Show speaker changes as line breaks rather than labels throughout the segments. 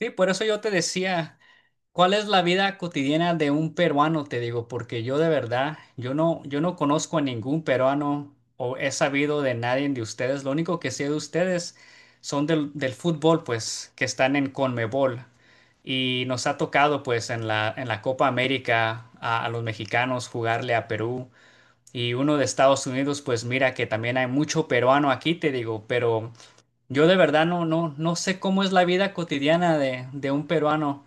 Sí, por eso yo te decía, ¿cuál es la vida cotidiana de un peruano? Te digo, porque yo de verdad, yo no conozco a ningún peruano o he sabido de nadie de ustedes. Lo único que sé de ustedes son del fútbol, pues, que están en Conmebol. Y nos ha tocado, pues, en la Copa América a los mexicanos jugarle a Perú. Y uno de Estados Unidos, pues mira que también hay mucho peruano aquí, te digo, pero yo de verdad no sé cómo es la vida cotidiana de un peruano.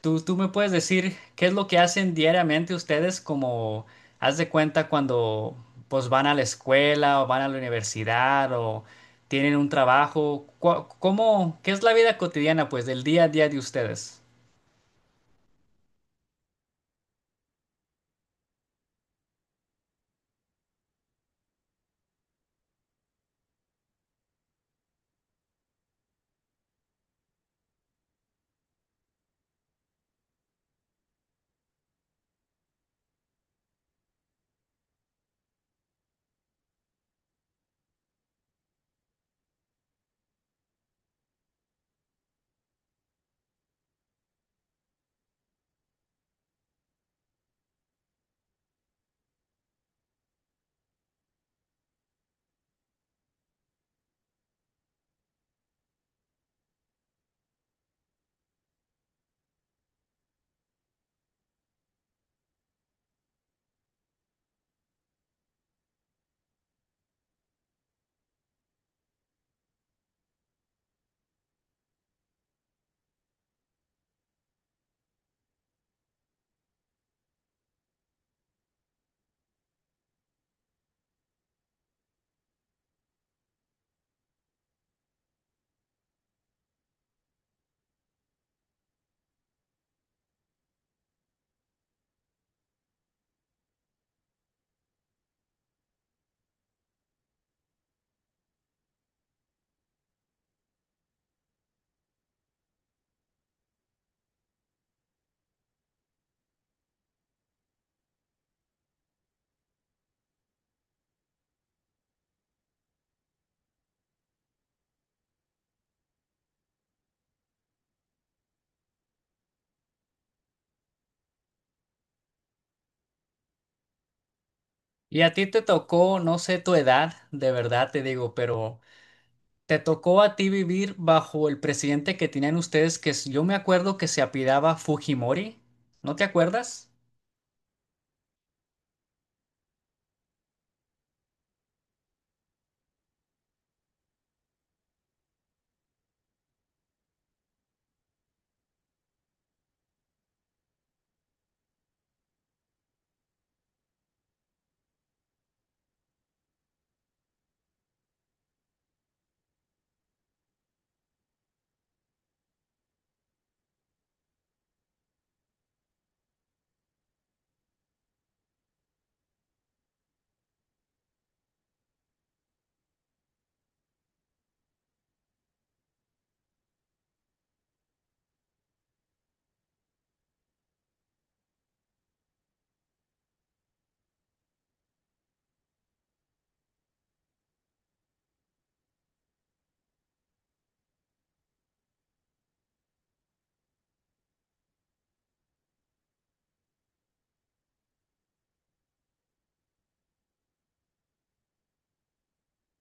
¿Tú me puedes decir qué es lo que hacen diariamente ustedes como, haz de cuenta cuando pues van a la escuela o van a la universidad o tienen un trabajo? ¿Cómo, qué es la vida cotidiana pues del día a día de ustedes? Y a ti te tocó, no sé tu edad, de verdad te digo, pero te tocó a ti vivir bajo el presidente que tenían ustedes, yo me acuerdo que se apellidaba Fujimori. ¿No te acuerdas?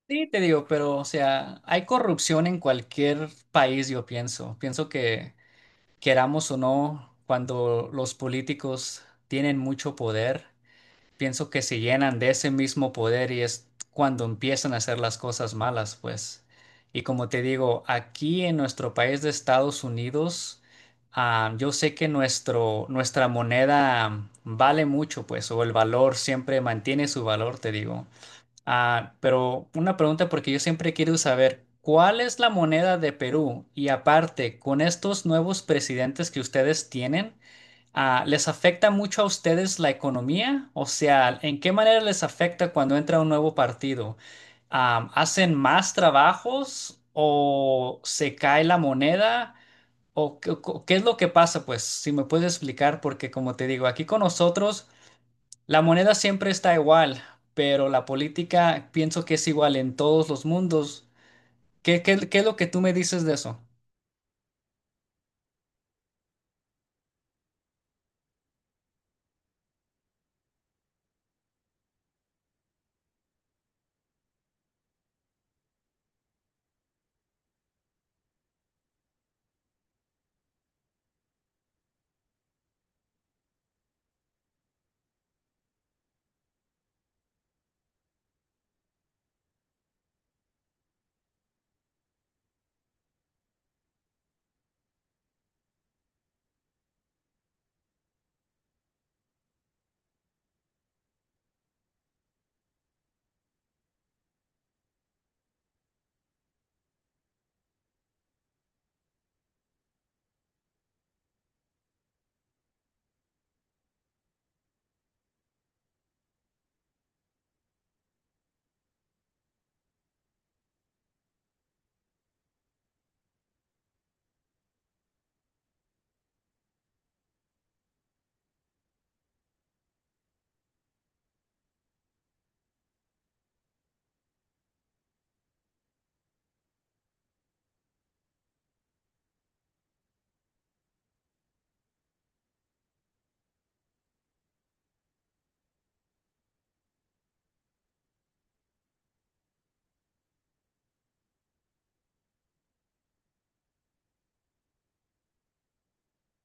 Sí, te digo, pero o sea, hay corrupción en cualquier país, yo pienso. Pienso que queramos o no, cuando los políticos tienen mucho poder, pienso que se llenan de ese mismo poder y es cuando empiezan a hacer las cosas malas, pues. Y como te digo, aquí en nuestro país de Estados Unidos, ah, yo sé que nuestra moneda vale mucho, pues, o el valor siempre mantiene su valor, te digo. Ah, pero una pregunta porque yo siempre he querido saber, ¿cuál es la moneda de Perú? Y aparte, con estos nuevos presidentes que ustedes tienen, ah, ¿les afecta mucho a ustedes la economía? O sea, ¿en qué manera les afecta cuando entra un nuevo partido? ¿Hacen más trabajos o se cae la moneda? ¿O qué, qué es lo que pasa? Pues si me puedes explicar, porque como te digo, aquí con nosotros… La moneda siempre está igual, pero la política pienso que es igual en todos los mundos. ¿Qué, qué es lo que tú me dices de eso?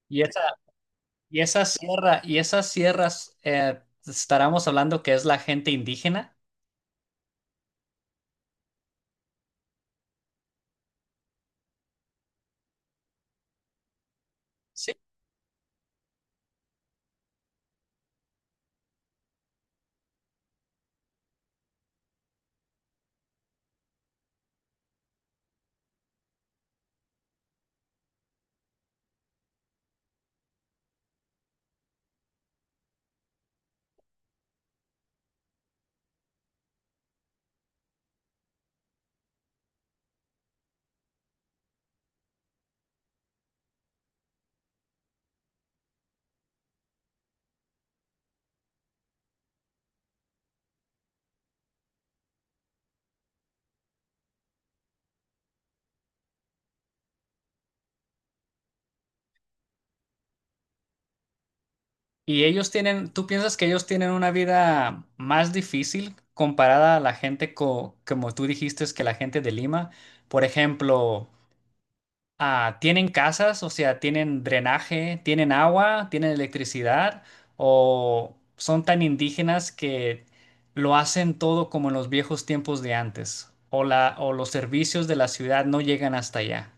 Y esa, y esa sierra, y esas sierras, estaremos hablando que es la gente indígena. Sí. Y ellos tienen, ¿tú piensas que ellos tienen una vida más difícil comparada a la gente como tú dijiste, es que la gente de Lima? Por ejemplo, ah, ¿tienen casas? O sea, ¿tienen drenaje? ¿Tienen agua? ¿Tienen electricidad? ¿O son tan indígenas que lo hacen todo como en los viejos tiempos de antes? ¿O la, o los servicios de la ciudad no llegan hasta allá?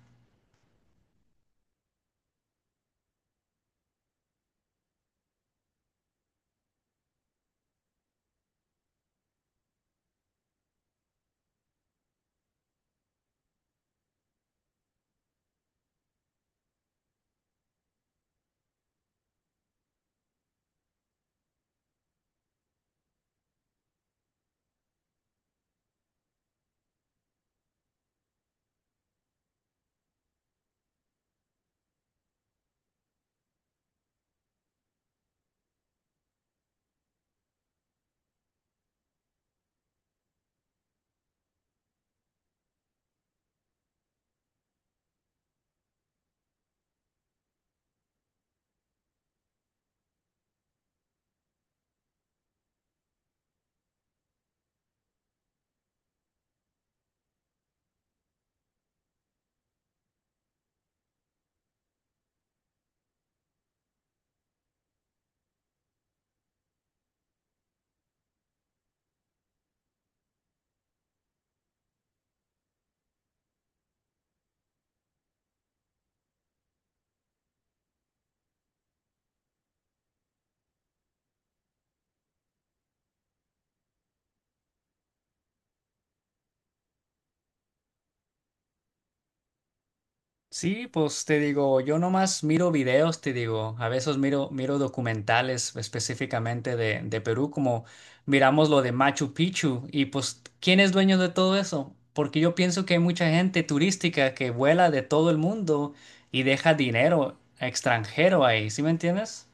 Sí, pues te digo, yo nomás miro videos, te digo, a veces miro documentales específicamente de Perú, como miramos lo de Machu Picchu, y pues, ¿quién es dueño de todo eso? Porque yo pienso que hay mucha gente turística que vuela de todo el mundo y deja dinero extranjero ahí, ¿sí me entiendes?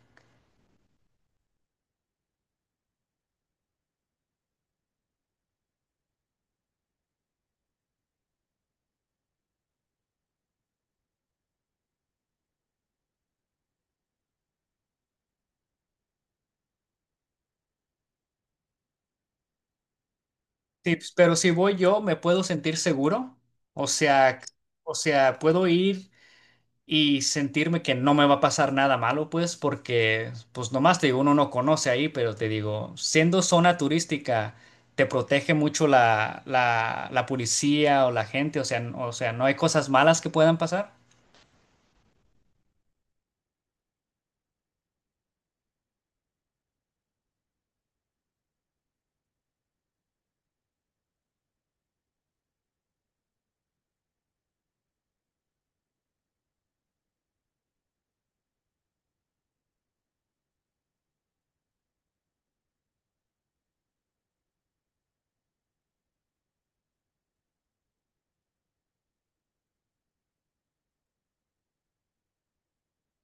Sí, pues, pero si voy yo, ¿me puedo sentir seguro? O sea, o sea, puedo ir y sentirme que no me va a pasar nada malo, pues, porque, pues, nomás te digo, uno no conoce ahí, pero te digo, siendo zona turística, te protege mucho la policía o la gente, o sea, o sea, no hay cosas malas que puedan pasar.